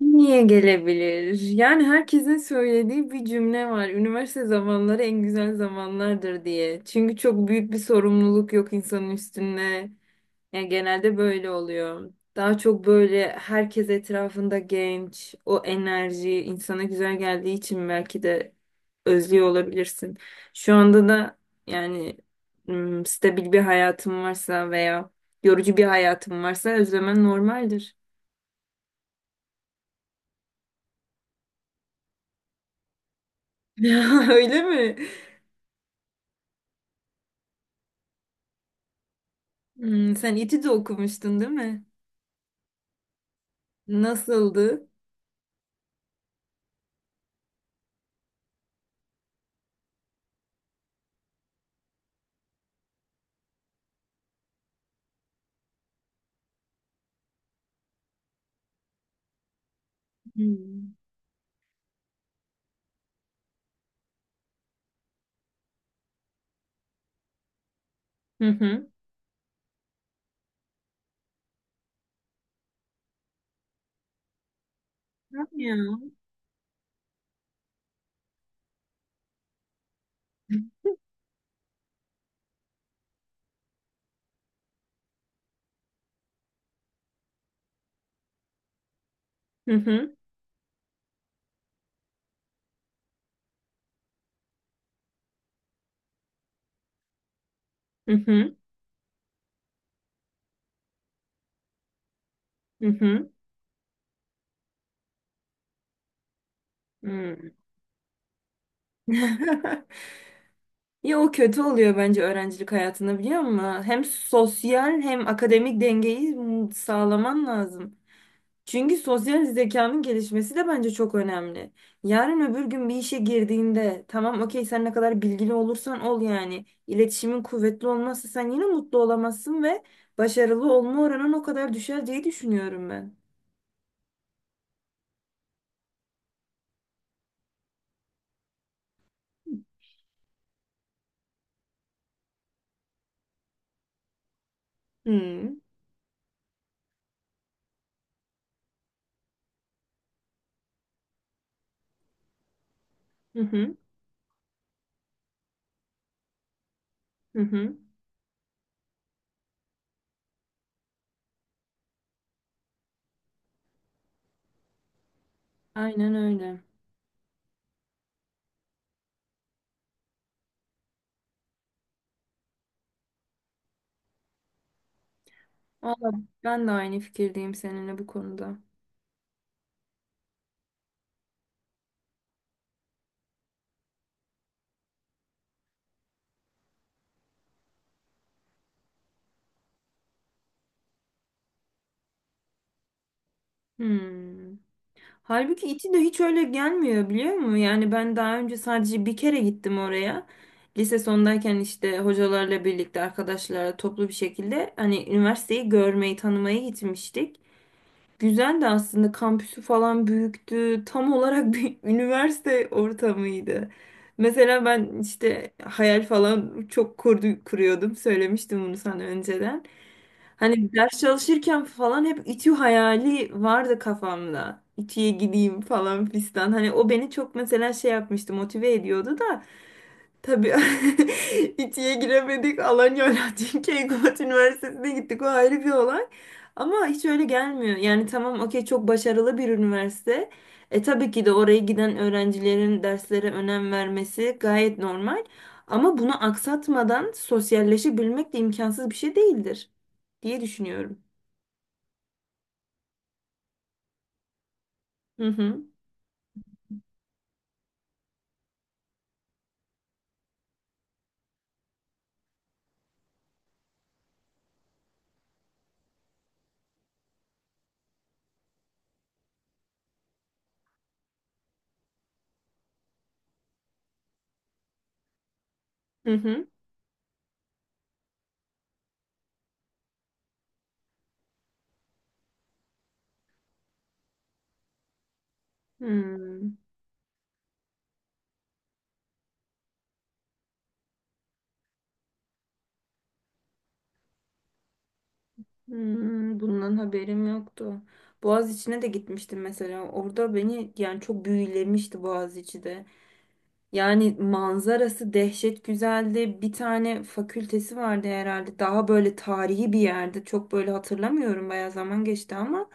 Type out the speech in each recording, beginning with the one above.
Niye gelebilir? Yani herkesin söylediği bir cümle var. Üniversite zamanları en güzel zamanlardır diye. Çünkü çok büyük bir sorumluluk yok insanın üstünde. Yani genelde böyle oluyor. Daha çok böyle herkes etrafında genç, o enerji insana güzel geldiği için belki de özlüyor olabilirsin. Şu anda da yani stabil bir hayatım varsa veya yorucu bir hayatım varsa özlemen normaldir. Öyle mi? Hmm, sen İTÜ'de de okumuştun değil mi? Nasıldı? Hmm. Hı hı. Tamam ya. Hı hı. Hı hı. Hı hı. Hmm. Ya o kötü oluyor bence öğrencilik hayatında biliyor musun? Hem sosyal hem akademik dengeyi sağlaman lazım. Çünkü sosyal zekanın gelişmesi de bence çok önemli. Yarın öbür gün bir işe girdiğinde tamam okey sen ne kadar bilgili olursan ol yani. İletişimin kuvvetli olmazsa sen yine mutlu olamazsın ve başarılı olma oranın o kadar düşer diye düşünüyorum ben. Hmm. Hı hı. Hı hı. Aynen öyle. Vallahi ben de aynı fikirdeyim seninle bu konuda. Hmm. Halbuki içi de hiç öyle gelmiyor biliyor musun? Yani ben daha önce sadece bir kere gittim oraya. Lise sondayken işte hocalarla birlikte arkadaşlarla toplu bir şekilde hani üniversiteyi görmeyi, tanımayı gitmiştik. Güzel de aslında kampüsü falan büyüktü. Tam olarak bir üniversite ortamıydı. Mesela ben işte hayal falan kuruyordum. Söylemiştim bunu sana önceden. Hani ders çalışırken falan hep İTÜ hayali vardı kafamda. İTÜ'ye gideyim falan fistan. Hani o beni çok mesela şey yapmıştı, motive ediyordu da. Tabii İTÜ'ye giremedik. Alanya Alaaddin Keykubat Üniversitesi'ne gittik. O ayrı bir olay. Ama hiç öyle gelmiyor. Yani tamam okey çok başarılı bir üniversite. E tabii ki de oraya giden öğrencilerin derslere önem vermesi gayet normal. Ama bunu aksatmadan sosyalleşebilmek de imkansız bir şey değildir diye düşünüyorum. Hı hı. Hı hı. Hmm. Hmm, bundan haberim yoktu. Boğaziçi'ne de gitmiştim mesela. Orada beni yani çok büyülemişti Boğaziçi de. Yani manzarası dehşet güzeldi. Bir tane fakültesi vardı herhalde. Daha böyle tarihi bir yerde. Çok böyle hatırlamıyorum. Bayağı zaman geçti ama.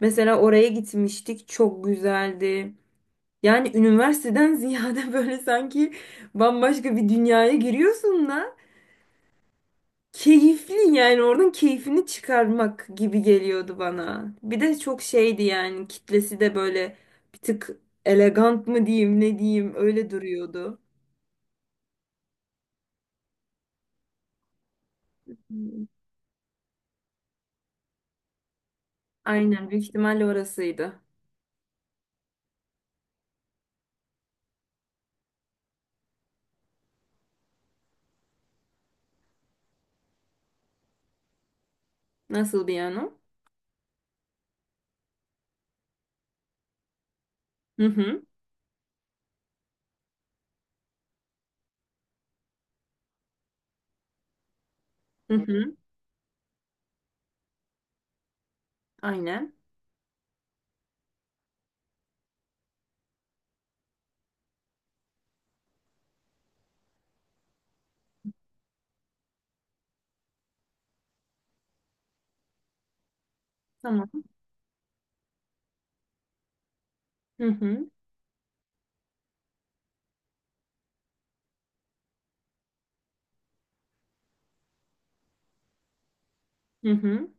Mesela oraya gitmiştik. Çok güzeldi. Yani üniversiteden ziyade böyle sanki bambaşka bir dünyaya giriyorsun da. Keyifli yani oradan keyfini çıkarmak gibi geliyordu bana. Bir de çok şeydi yani kitlesi de böyle bir tık elegant mı diyeyim ne diyeyim öyle duruyordu. Hmm. Aynen, büyük ihtimalle orasıydı. Nasıl bir yani o? Hı hı, hı hı, aynen, tamam. Hı hı, hı hı,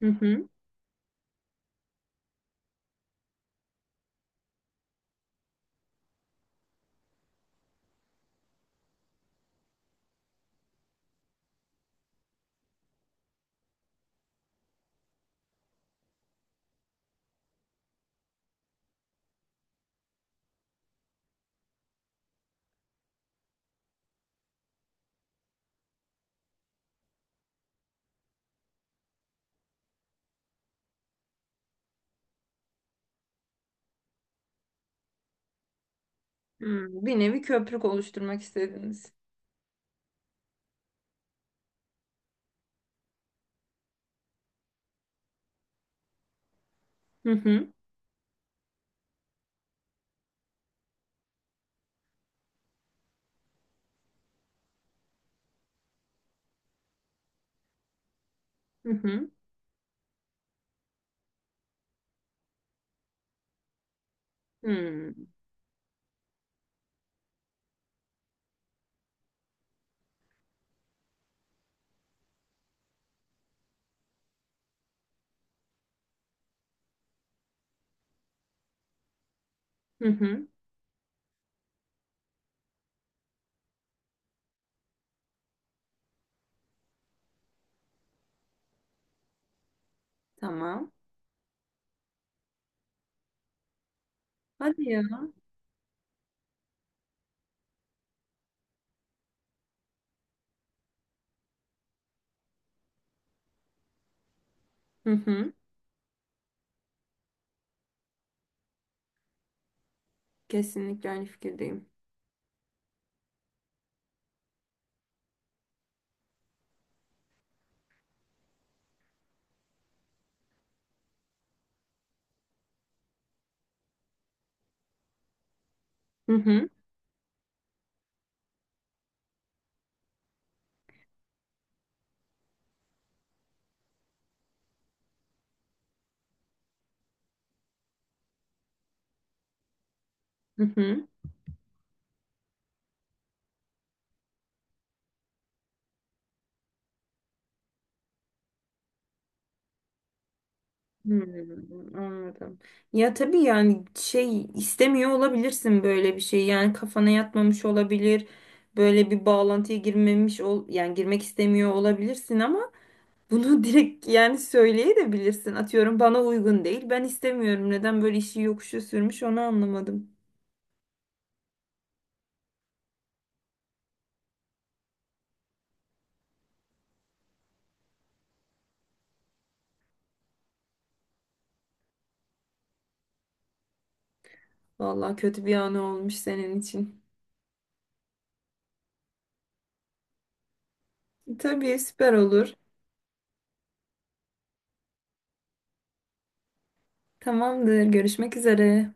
hı hı. Hmm, bir nevi köprük oluşturmak istediniz. Hı hı, hı hı, hmm, hı hı, tamam. Hadi ya. Hı hı, kesinlikle aynı fikirdeyim. Hı hı, hı hı. Hmm, anladım. Ya tabii yani şey istemiyor olabilirsin böyle bir şey. Yani kafana yatmamış olabilir. Böyle bir bağlantıya girmemiş ol yani girmek istemiyor olabilirsin ama bunu direkt yani söyleyebilirsin. Atıyorum bana uygun değil. Ben istemiyorum. Neden böyle işi yokuşa sürmüş onu anlamadım. Vallahi kötü bir anı olmuş senin için. Tabii süper olur. Tamamdır. Görüşmek üzere.